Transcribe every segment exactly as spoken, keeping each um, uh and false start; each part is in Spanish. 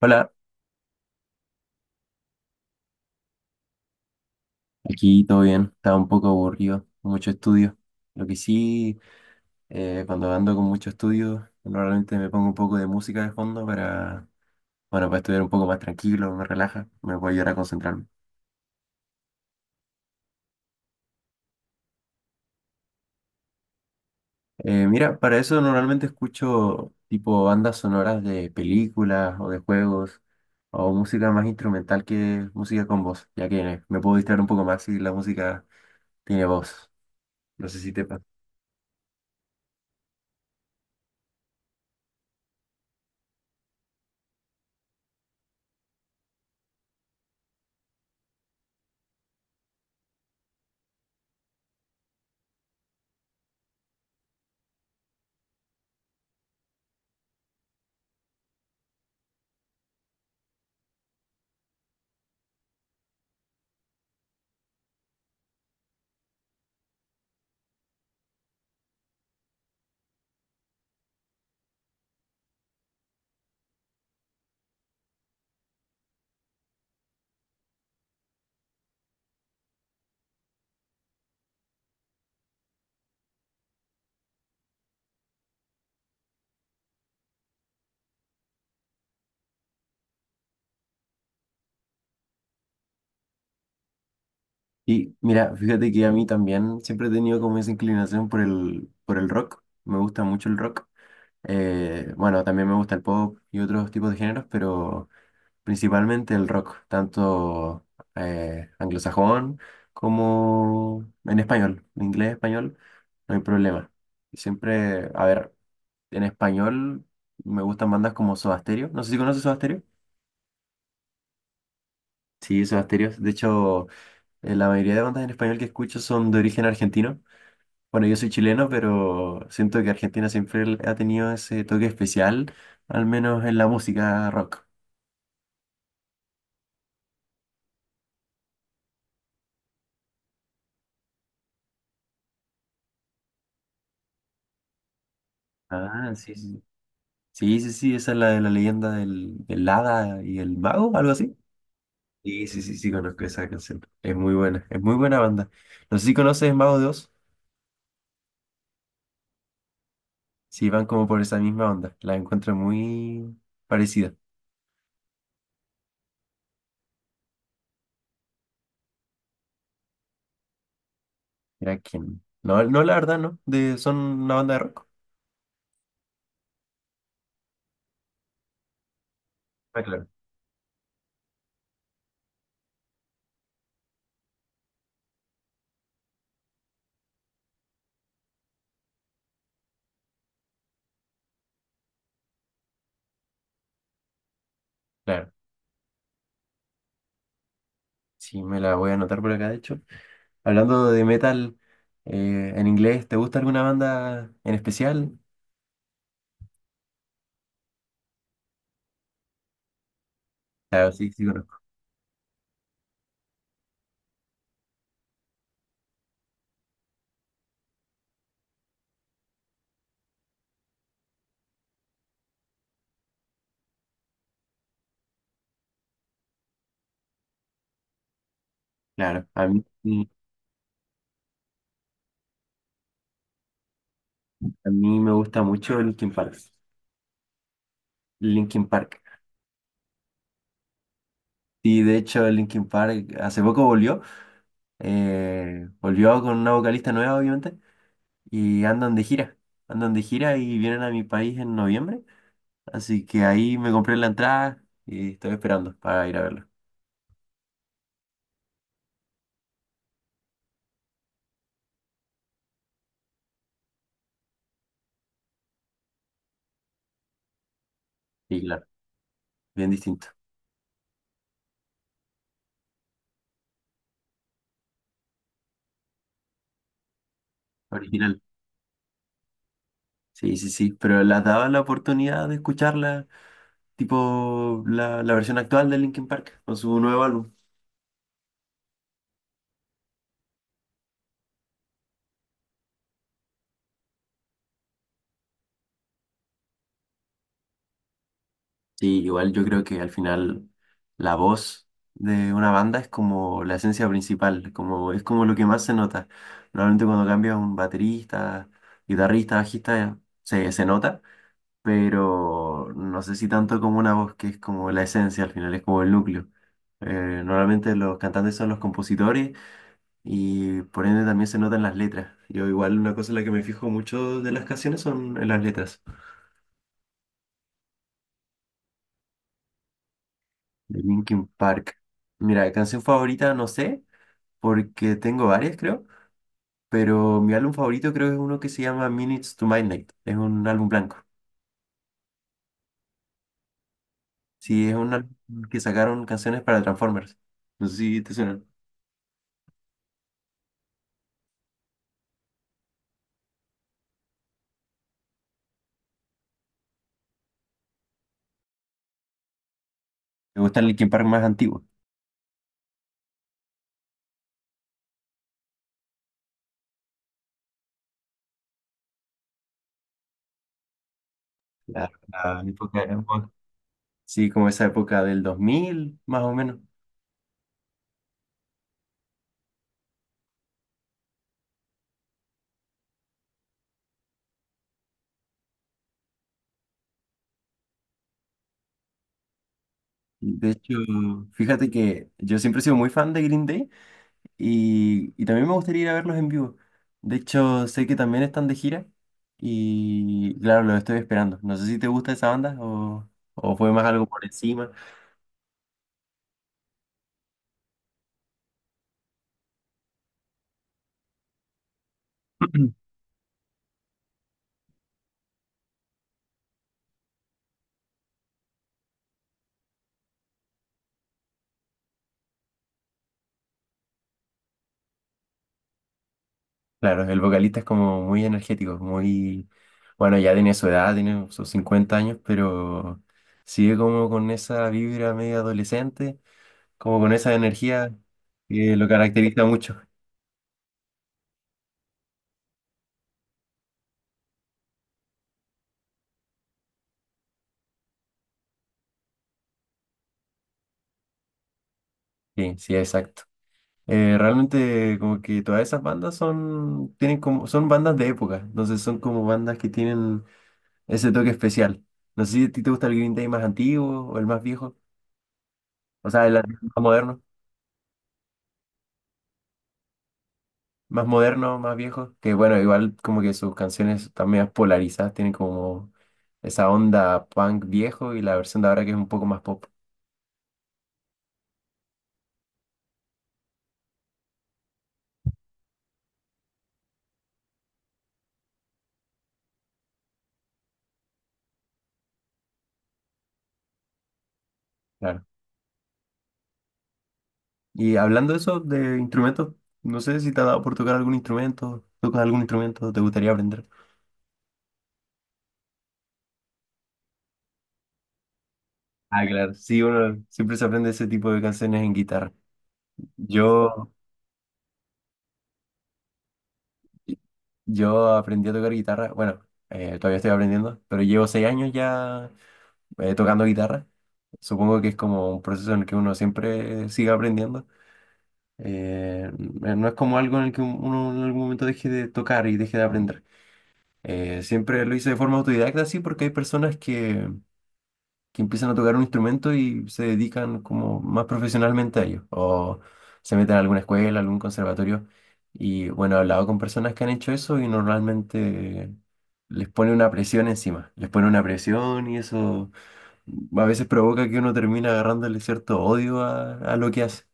Hola, aquí todo bien, estaba un poco aburrido, mucho estudio. Lo que sí, eh, cuando ando con mucho estudio, normalmente me pongo un poco de música de fondo para, bueno, para estudiar un poco más tranquilo, me relaja, me puede ayudar a concentrarme. Eh, mira, para eso normalmente escucho tipo bandas sonoras de películas o de juegos o música más instrumental que música con voz, ya que me puedo distraer un poco más si la música tiene voz. No sé si te pasa. Y mira, fíjate que a mí también siempre he tenido como esa inclinación por el, por el rock. Me gusta mucho el rock. Eh, bueno, también me gusta el pop y otros tipos de géneros, pero principalmente el rock, tanto eh, anglosajón como en español. En inglés, español, no hay problema. Y Siempre, a ver, en español me gustan bandas como Soda Stereo. No sé si conoces Soda Stereo. Sí, Soda Stereo. De hecho, eh, la mayoría de bandas en español que escucho son de origen argentino. Bueno, yo soy chileno, pero siento que Argentina siempre l- ha tenido ese toque especial, al menos en la música rock. Ah, sí, sí. Sí, sí, sí, esa es la de la leyenda del, del hada y el mago, algo así. Sí, sí, sí, sí, conozco esa canción. Es muy buena, es muy buena banda. No sé si conoces Mago dos, si van como por esa misma onda. La encuentro muy parecida. Mira quién. No, no, la verdad, no. De, son una banda de rock. Ah, claro. Claro. Sí, me la voy a anotar por acá, de hecho. Hablando de metal, eh, en inglés, ¿te gusta alguna banda en especial? Claro, sí, sí conozco. Claro, a mí, sí, a mí me gusta mucho Linkin Park. Linkin Park. Y de hecho Linkin Park hace poco volvió. Eh, volvió con una vocalista nueva, obviamente. Y andan de gira. Andan de gira y vienen a mi país en noviembre. Así que ahí me compré la entrada y estoy esperando para ir a verlo. Y claro, bien distinto. Original. Sí, sí, sí. Pero las daba la oportunidad de escucharla tipo la, la versión actual de Linkin Park con su nuevo álbum. Sí, igual yo creo que al final la voz de una banda es como la esencia principal, como, es como lo que más se nota. Normalmente cuando cambia un baterista, guitarrista, bajista, se, se nota, pero no sé si tanto como una voz que es como la esencia al final, es como el núcleo. Eh, normalmente los cantantes son los compositores Y por ende también se notan las letras. Yo igual una cosa en la que me fijo mucho de las canciones son en las letras. De Linkin Park. Mira, canción favorita no sé, porque tengo varias creo, pero mi álbum favorito creo que es uno que se llama Minutes to Midnight. Es un álbum blanco. Sí, es un álbum que sacaron canciones para Transformers. No sé si te suena. Me gusta el Linkin Park más antiguo. La, la época, sí, como esa época del dos mil más o menos. De hecho, fíjate que yo siempre he sido muy fan de Green Day. Y, y también me gustaría ir a verlos en vivo. De hecho, sé que también están de gira y claro, los estoy esperando. No sé si te gusta esa banda o, o fue más algo por encima. Claro, el vocalista es como muy energético, muy... Bueno, ya tiene su edad, tiene sus cincuenta años, pero sigue como con esa vibra medio adolescente, como con esa energía que lo caracteriza mucho. Sí, sí, exacto. Eh, realmente como que todas esas bandas son, tienen como, son bandas de época, entonces son como bandas que tienen ese toque especial. No sé si a ti te gusta el Green Day más antiguo o el más viejo, o sea, el más moderno, más moderno, más viejo, que bueno, igual como que sus canciones también polarizadas, tienen como esa onda punk viejo y la versión de ahora que es un poco más pop, claro. Y hablando de eso, de instrumentos, no sé si te ha dado por tocar algún instrumento, tocas algún instrumento, te gustaría aprender. Ah, claro. Sí, uno siempre se aprende ese tipo de canciones en guitarra. Yo, yo aprendí a tocar guitarra. Bueno, eh, todavía estoy aprendiendo, pero llevo seis años ya eh, tocando guitarra. Supongo que es como un proceso en el que uno siempre sigue aprendiendo. Eh, n- no es como algo en el que un- uno en algún momento deje de tocar y deje de aprender. Eh, siempre lo hice de forma autodidacta, sí, porque hay personas que que empiezan a tocar un instrumento y se dedican como más profesionalmente a ello, o se meten a alguna escuela, algún conservatorio. Y bueno, he hablado con personas que han hecho eso y normalmente les pone una presión encima, les pone una presión y eso a veces provoca que uno termina agarrándole cierto odio a, a lo que hace.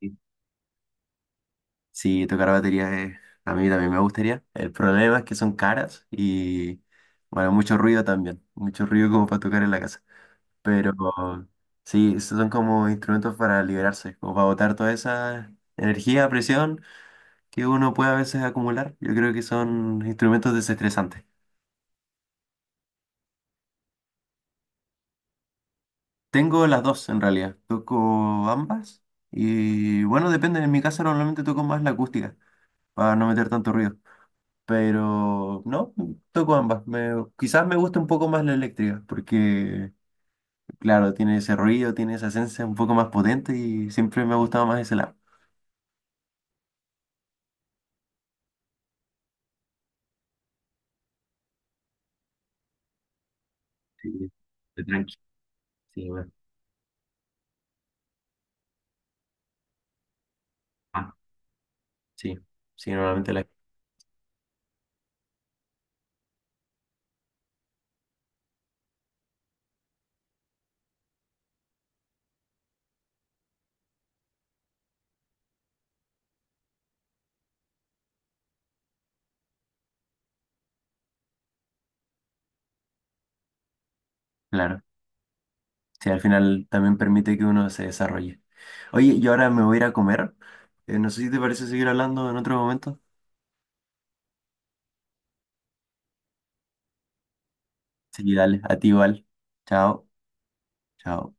Sí, sí, tocar batería es- A mí también me gustaría. El problema es que son caras y bueno, mucho ruido también, mucho ruido como para tocar en la casa. Pero sí, esos son como instrumentos para liberarse, como para botar toda esa energía, presión que uno puede a veces acumular. Yo creo que son instrumentos desestresantes. Tengo las dos en realidad, toco ambas y bueno, depende, en mi casa normalmente toco más la acústica para no meter tanto ruido, pero no, toco ambas. Me- quizás me gusta un poco más la eléctrica porque, claro, tiene ese ruido, tiene esa esencia un poco más potente y siempre me ha gustado más ese lado. Sí, sí, bueno. Ah, sí, sí, normalmente la... Claro, sí, al final también permite que uno se desarrolle. Oye, yo ahora me voy a ir a comer. Eh, no sé si te parece seguir hablando en otro momento. Sí, dale, a ti igual. Chao, chao.